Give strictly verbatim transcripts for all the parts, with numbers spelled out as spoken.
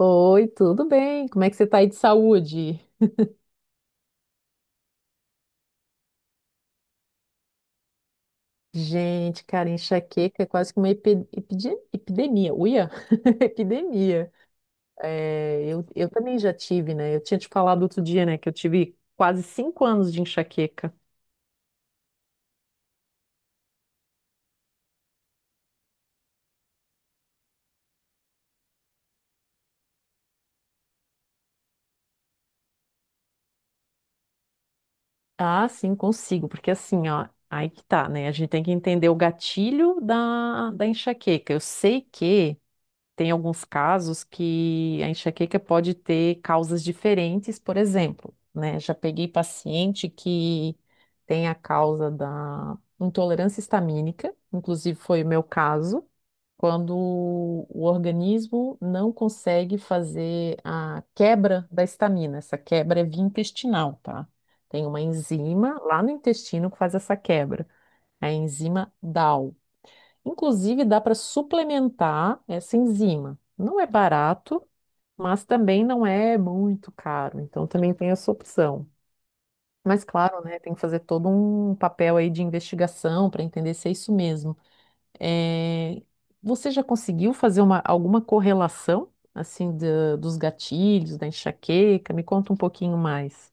Oi, tudo bem? Como é que você tá aí de saúde? Gente, cara, enxaqueca é quase que uma epi- epide- epidemia. Uia! Epidemia. É, eu, eu também já tive, né? Eu tinha te falado outro dia, né, que eu tive quase cinco anos de enxaqueca. Ah, sim, consigo, porque assim, ó, aí que tá, né? A gente tem que entender o gatilho da, da enxaqueca. Eu sei que tem alguns casos que a enxaqueca pode ter causas diferentes, por exemplo, né? Já peguei paciente que tem a causa da intolerância histamínica, inclusive foi o meu caso, quando o organismo não consegue fazer a quebra da histamina. Essa quebra é via intestinal, tá? Tem uma enzima lá no intestino que faz essa quebra, a enzima D A L. Inclusive, dá para suplementar essa enzima. Não é barato, mas também não é muito caro. Então, também tem essa opção. Mas, claro, né, tem que fazer todo um papel aí de investigação para entender se é isso mesmo. É, você já conseguiu fazer uma, alguma correlação, assim, da- dos gatilhos, da enxaqueca? Me conta um pouquinho mais.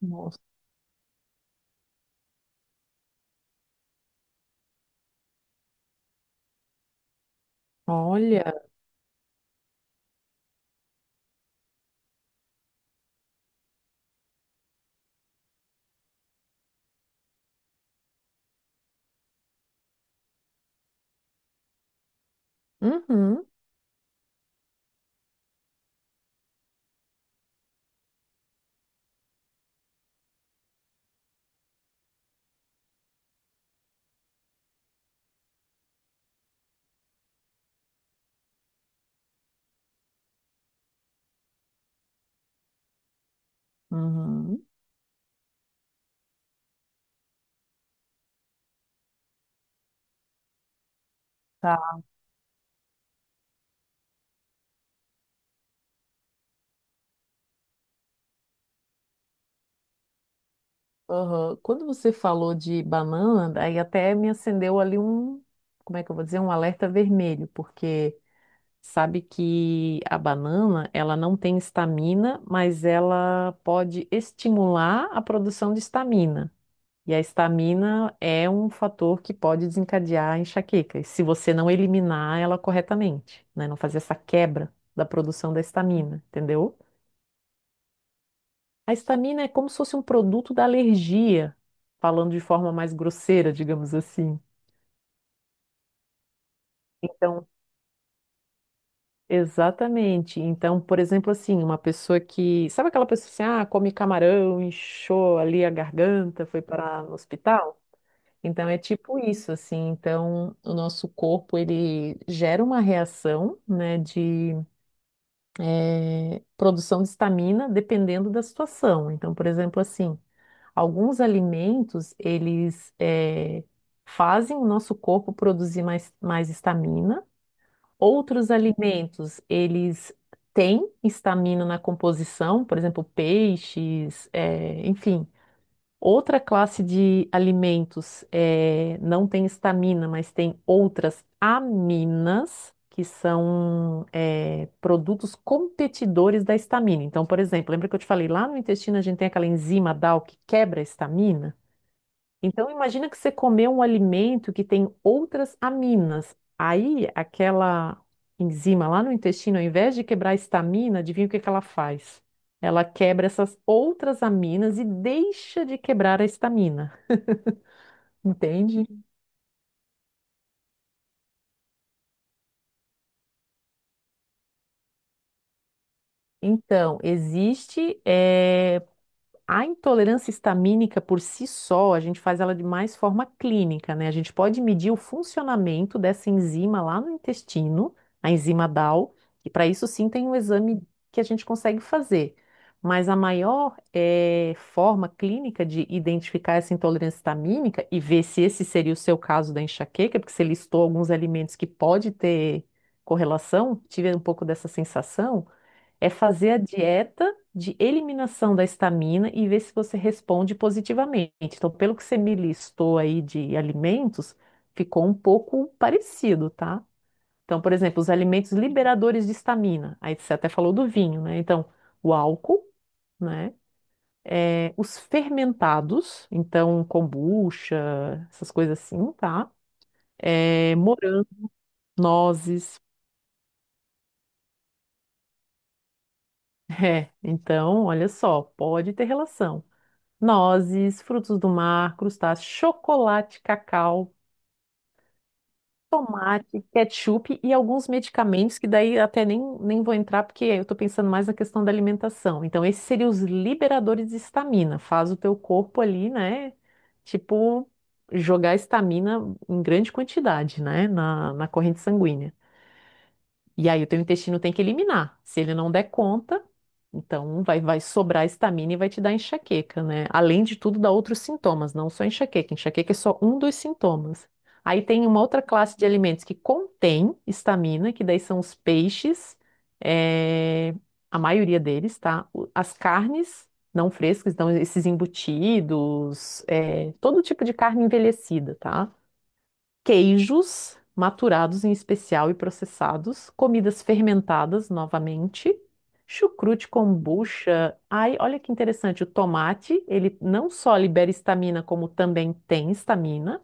Nossa. Olha. Uhum. Uhum. Aham. Quando você falou de banana, aí até me acendeu ali um, como é que eu vou dizer, um alerta vermelho, porque sabe que a banana, ela não tem estamina, mas ela pode estimular a produção de estamina. E a estamina é um fator que pode desencadear a enxaqueca, e se você não eliminar ela corretamente, né? Não fazer essa quebra da produção da estamina, entendeu? A histamina é como se fosse um produto da alergia, falando de forma mais grosseira, digamos assim. Então, exatamente. Então, por exemplo, assim, uma pessoa que. Sabe aquela pessoa assim, ah, come camarão, inchou ali a garganta, foi parar no hospital? Então, é tipo isso, assim. Então, o nosso corpo, ele gera uma reação, né, de eh, produção de histamina, dependendo da situação. Então, por exemplo, assim. Alguns alimentos, eles eh, fazem o nosso corpo produzir mais, mais estamina. Outros alimentos, eles têm estamina na composição, por exemplo, peixes, eh, enfim. Outra classe de alimentos eh, não tem estamina, mas tem outras aminas, que são eh, produtos competidores da estamina. Então, por exemplo, lembra que eu te falei, lá no intestino a gente tem aquela enzima dal que quebra a estamina? Então, imagina que você comeu um alimento que tem outras aminas. Aí, aquela enzima lá no intestino, ao invés de quebrar a histamina, adivinha o que que ela faz? Ela quebra essas outras aminas e deixa de quebrar a histamina, entende? Então, existe eh, a intolerância histamínica por si só, a gente faz ela de mais forma clínica, né? A gente pode medir o funcionamento dessa enzima lá no intestino, a enzima D A O, e para isso sim tem um exame que a gente consegue fazer. Mas a maior eh, forma clínica de identificar essa intolerância histamínica e ver se esse seria o seu caso da enxaqueca, porque você listou alguns alimentos que pode ter correlação, tive um pouco dessa sensação. É fazer a dieta de eliminação da histamina e ver se você responde positivamente. Então, pelo que você me listou aí de alimentos, ficou um pouco parecido, tá? Então, por exemplo, os alimentos liberadores de histamina. Aí você até falou do vinho, né? Então, o álcool, né? É, os fermentados, então kombucha, essas coisas assim, tá? É, morango, nozes. É, então, olha só, pode ter relação. Nozes, frutos do mar, crustáceos, chocolate, cacau, tomate, ketchup e alguns medicamentos que daí até nem, nem vou entrar porque eu estou pensando mais na questão da alimentação. Então, esses seriam os liberadores de estamina. Faz o teu corpo ali, né? Tipo, jogar estamina em grande quantidade, né? Na, na corrente sanguínea. E aí o teu intestino tem que eliminar. Se ele não der conta, então vai, vai sobrar estamina e vai te dar enxaqueca, né? Além de tudo, dá outros sintomas, não só enxaqueca. Enxaqueca é só um dos sintomas. Aí tem uma outra classe de alimentos que contém estamina, que daí são os peixes, eh, a maioria deles, tá? O- As carnes não frescas, então esses embutidos, eh, todo tipo de carne envelhecida, tá? Queijos maturados em especial e processados, comidas fermentadas novamente, chucrute, kombucha. Ai, olha que interessante, o tomate, ele não só libera histamina, como também tem histamina.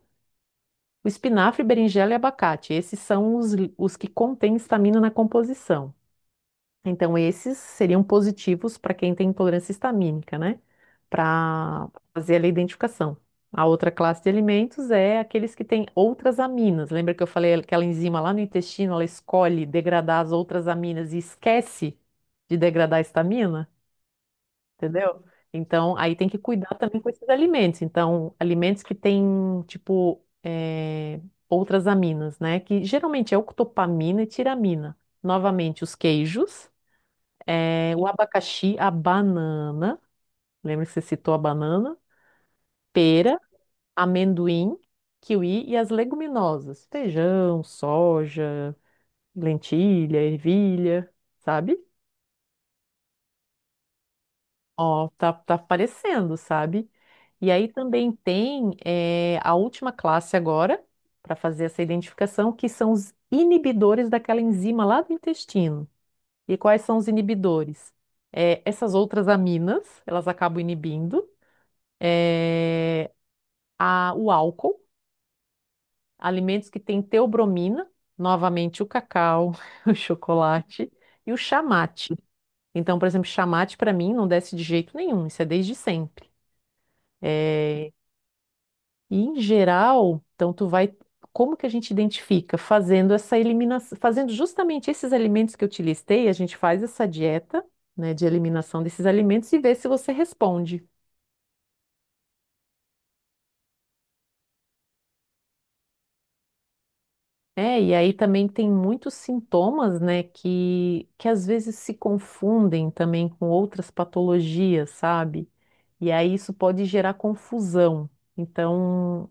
O espinafre, berinjela e abacate, esses são os, os que contêm histamina na composição. Então, esses seriam positivos para quem tem intolerância histamínica, né? Para fazer ali a identificação. A outra classe de alimentos é aqueles que têm outras aminas. Lembra que eu falei aquela enzima lá no intestino, ela escolhe degradar as outras aminas e esquece de degradar a histamina, entendeu? Então, aí tem que cuidar também com esses alimentos. Então, alimentos que têm, tipo, eh, outras aminas, né? Que geralmente é octopamina e tiramina. Novamente, os queijos é, o abacaxi, a banana. Lembra que você citou a banana? Pera, amendoim, kiwi e as leguminosas. Feijão, soja, lentilha, ervilha, sabe? Ó, tá, tá aparecendo, sabe? E aí também tem eh, a última classe agora, para fazer essa identificação, que são os inibidores daquela enzima lá do intestino. E quais são os inibidores? Eh, essas outras aminas, elas acabam inibindo. É, a- o álcool, alimentos que têm teobromina, novamente o cacau, o chocolate e o chamate. Então, por exemplo, chamate para mim não desce de jeito nenhum, isso é desde sempre. É, e em geral, então tu vai, como que a gente identifica? Fazendo essa eliminação, fazendo justamente esses alimentos que eu te listei, a gente faz essa dieta, né, de eliminação desses alimentos e vê se você responde. É, e aí também tem muitos sintomas, né, que, que às vezes se confundem também com outras patologias, sabe? E aí isso pode gerar confusão. Então,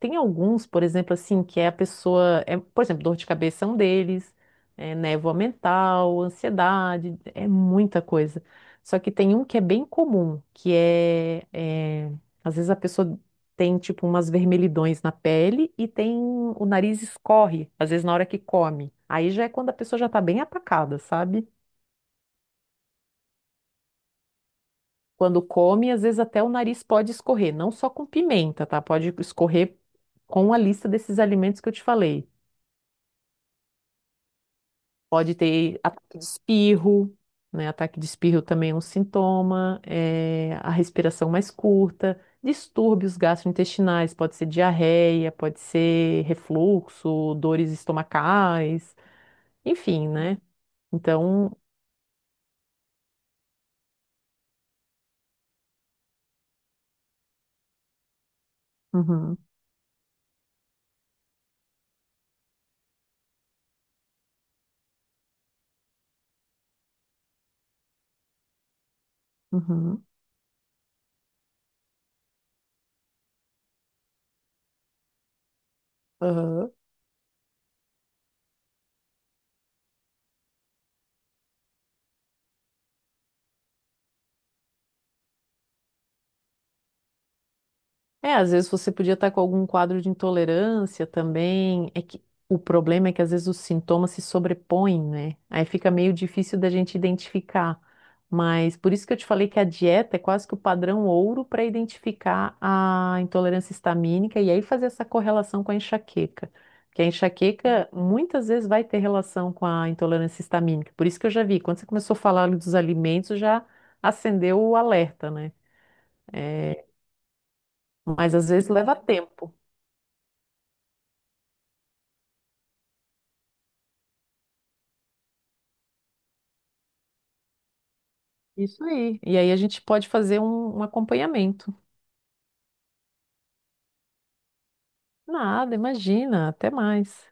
tem alguns, por exemplo, assim, que é a pessoa, é, por exemplo, dor de cabeça é um deles, é, névoa mental, ansiedade, é muita coisa. Só que tem um que é bem comum, que é, é, às vezes a pessoa tem tipo umas vermelhidões na pele e tem o nariz escorre, às vezes na hora que come. Aí já é quando a pessoa já tá bem atacada, sabe? Quando come, às vezes até o nariz pode escorrer, não só com pimenta, tá? Pode escorrer com a lista desses alimentos que eu te falei. Pode ter ataque de espirro, né? Ataque de espirro também é um sintoma, é, a respiração mais curta, distúrbios gastrointestinais, pode ser diarreia, pode ser refluxo, dores estomacais, enfim, né? Então, uhum, uhum, aham. É, às vezes você podia estar com algum quadro de intolerância também. É que o problema é que às vezes os sintomas se sobrepõem, né? Aí fica meio difícil da gente identificar. Mas por isso que eu te falei que a dieta é quase que o padrão ouro para identificar a intolerância histamínica e aí fazer essa correlação com a enxaqueca. Porque a enxaqueca muitas vezes vai ter relação com a intolerância histamínica. Por isso que eu já vi, quando você começou a falar dos alimentos, já acendeu o alerta, né? É, mas às vezes leva tempo. Isso aí. E aí a gente pode fazer um, um acompanhamento. Nada, imagina, até mais.